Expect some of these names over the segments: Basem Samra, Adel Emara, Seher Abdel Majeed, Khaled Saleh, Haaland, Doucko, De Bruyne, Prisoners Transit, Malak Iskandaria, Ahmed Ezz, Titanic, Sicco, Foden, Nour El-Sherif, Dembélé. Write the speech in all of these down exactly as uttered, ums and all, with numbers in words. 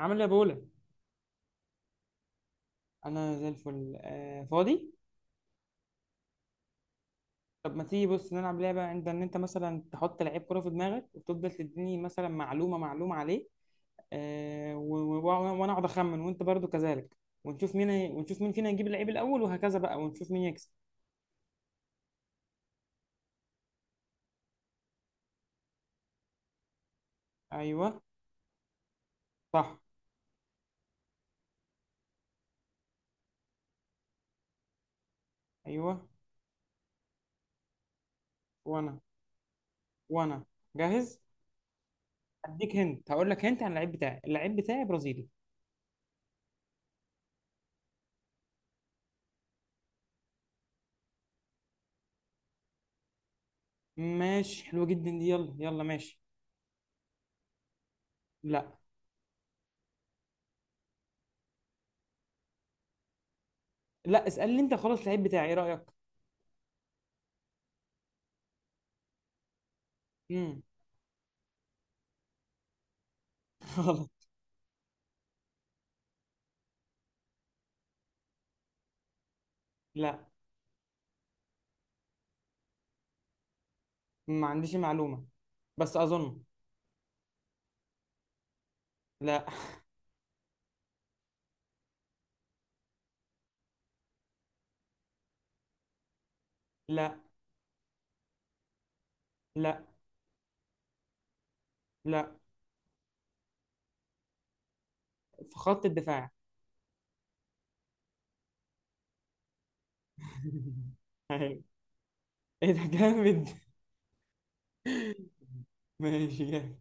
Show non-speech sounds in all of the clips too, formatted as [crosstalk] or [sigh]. عامل ايه يا بولا؟ انا زي الفل، آه فاضي. طب ما تيجي بص نلعب لعبه عند ان انت مثلا تحط لعيب كره في دماغك وتفضل تديني مثلا معلومه معلومه عليه. آه و- و- و- وانا اقعد اخمن وانت برضو كذلك. ونشوف مين هي- ونشوف مين فينا يجيب اللعيب الاول وهكذا بقى ونشوف مين يكسب. ايوه. صح. ايوه. وانا وانا جاهز. اديك هنت، هقول لك هنت عن اللعيب بتاعي، اللعيب بتاعي برازيلي. ماشي حلوه جدا دي، يلا يلا ماشي. لا، لا اسالني انت خلاص، اللعيب بتاعي ايه رايك؟ امم. [laughs] خلاص. لا. ما عنديش معلومة، بس أظن. لا. لا. لا. لا. في خط الدفاع. [laughs] أيوة. إيه ده جامد. [laughs] ماشي جامد.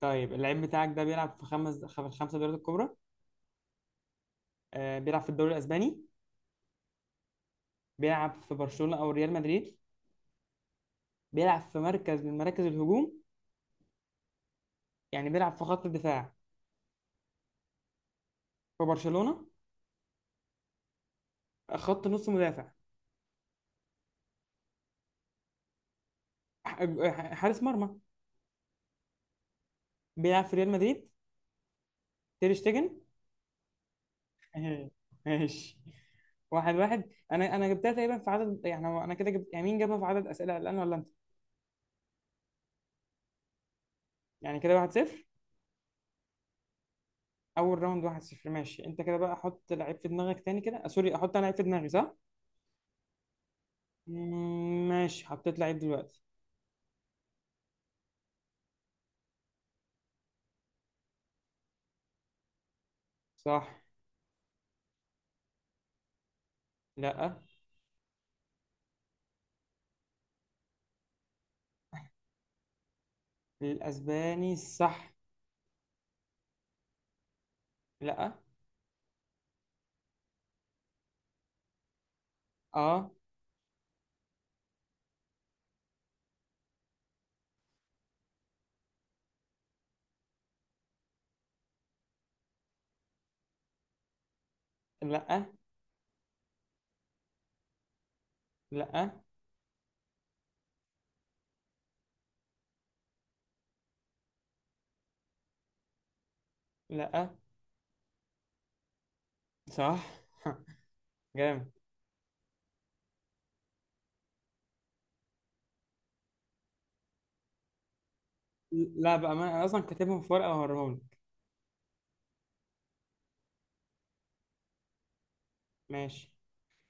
طيب اللعيب بتاعك ده بيلعب في خمس خ- في الخمسة دوريات الكبرى. آه بيلعب في الدوري الأسباني. بيلعب في برشلونة أو ريال مدريد. بيلعب في مركز من مراكز الهجوم. يعني بيلعب في خط الدفاع؟ في برشلونة؟ خط نص مدافع. ح- حارس مرمى. بيلعب في ريال مدريد. تير شتيجن. [laughs] ماشي. واحد واحد، انا انا جبتها تقريبا في عدد، يعني هو انا كده جبت، يعني مين جابها في عدد اسئله الان ولا انت؟ يعني كده واحد صفر. اول راوند واحد صفر. ماشي انت كده بقى احط لعيب في دماغك تاني كده. آه، سوري، احط انا لعيب في دماغي صح؟ مم، ماشي حطيت لعيب دلوقتي. صح. لا. الاسباني صح. لا. اه. لا. لا. لا. صح. [laughs] جامد. لا بقى، ما انا اصلا كاتبهم في ورقه وهوريهم لك. ماشي.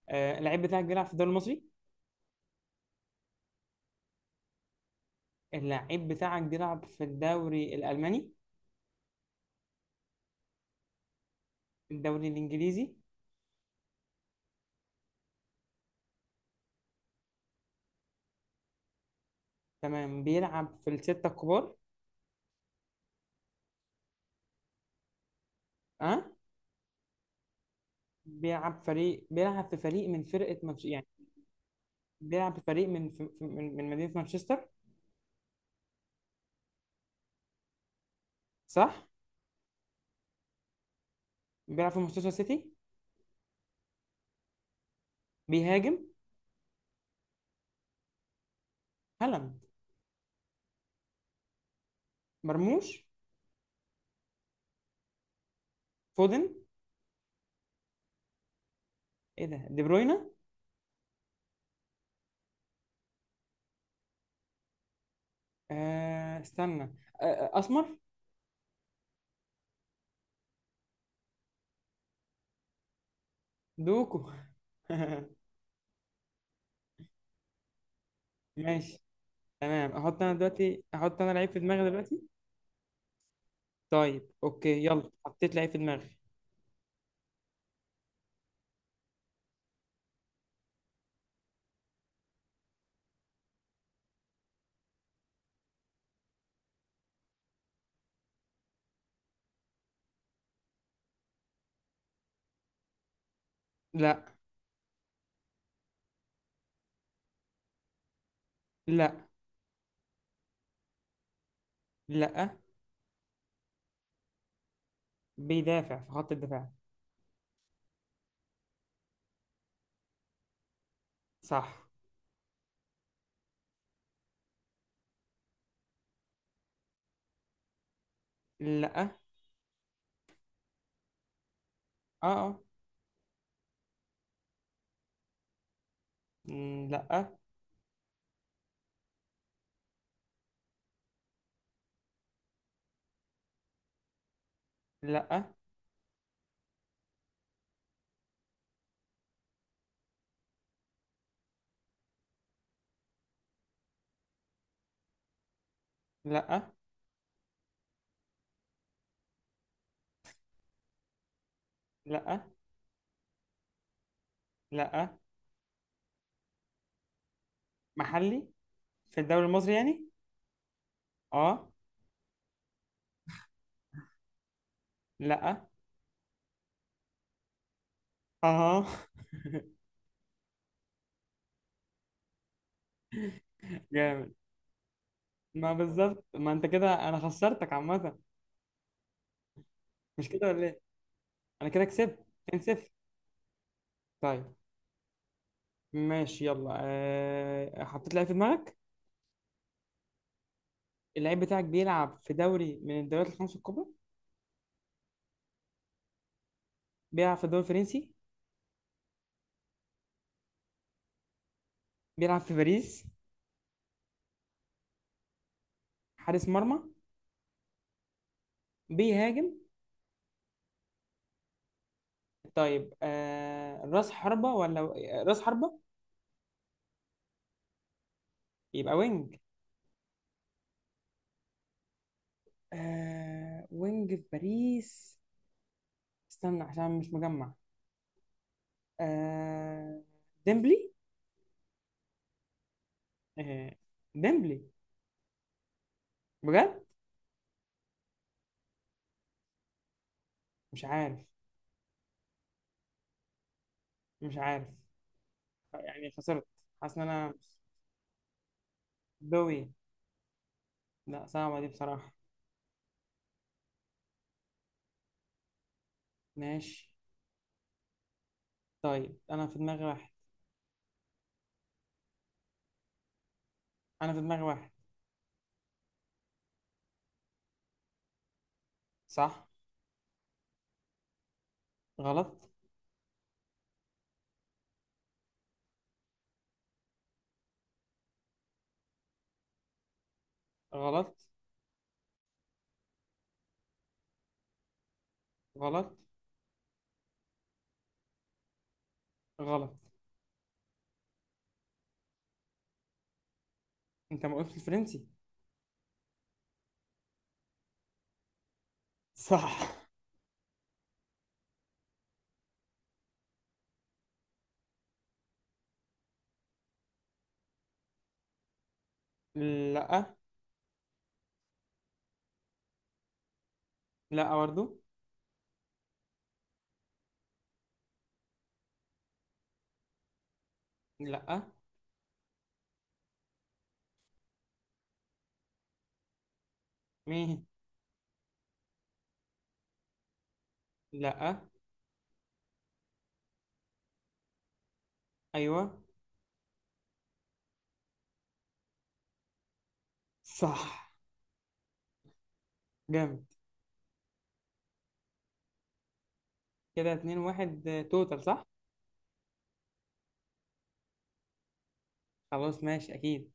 آه اللعيب بتاعك بيلعب في الدوري المصري؟ اللعيب بتاعك بيلعب في الدوري الألماني؟ الدوري الإنجليزي؟ تمام بيلعب في الستة الكبار. أه بيلعب فريق بيلعب في فريق من فرقة مانش... يعني، بيلعب في فريق من في... في- من من مدينة مانشستر؟ صح. بيلعب في مانشستر سيتي. بيهاجم. هالاند؟ مرموش؟ فودن؟ إيه ده، دي بروينا؟ آه... استنى. آه... آه، أسمر. دوكو. [laughs] ماشي. تمام. احط انا دلوقتي احط انا لعيب في دماغي دلوقتي. طيب اوكي يلا، حطيت لعيب في دماغي. لا. لا. لا. بيدافع في خط الدفاع. صح. لا. اه. اه. مم، لا. لا. لا. لا. لا. محلي. في الدوري المصري يعني. اه. لا. اه. [laughs] جامد. ما بالظبط، ما انت كده انا خسرتك عامة، مش كده ولا ايه؟ انا كده كسبت. اتنين صفر. طيب. ماشي يلا. أه... حطيت لعيب في دماغك. اللعيب بتاعك بيلعب في دوري من الدوريات الخمس الكبرى؟ بيلعب في الدوري الفرنسي؟ بيلعب في باريس؟ حارس مرمى؟ بيهاجم. طيب آه راس حربة ولا؟ راس حربة. يبقى وينج. آه وينج في باريس. استنى عشان مش مجمع. آه ديمبلي. آه ديمبلي بجد؟ مش عارف. مش عارف، يعني خسرت. حاسس ان انا. دوي. لا صعبة دي بصراحة. ماشي. طيب انا في دماغي واحد. انا في دماغي واحد. صح. غلط. غلط. غلط. غلط. انت ما قلتش الفرنسي. صح. لا. لا برضو. لا. مين؟ لا. ايوه. صح. جامد. كده اتنين واحد، آه، توتال صح. خلاص ماشي اكيد.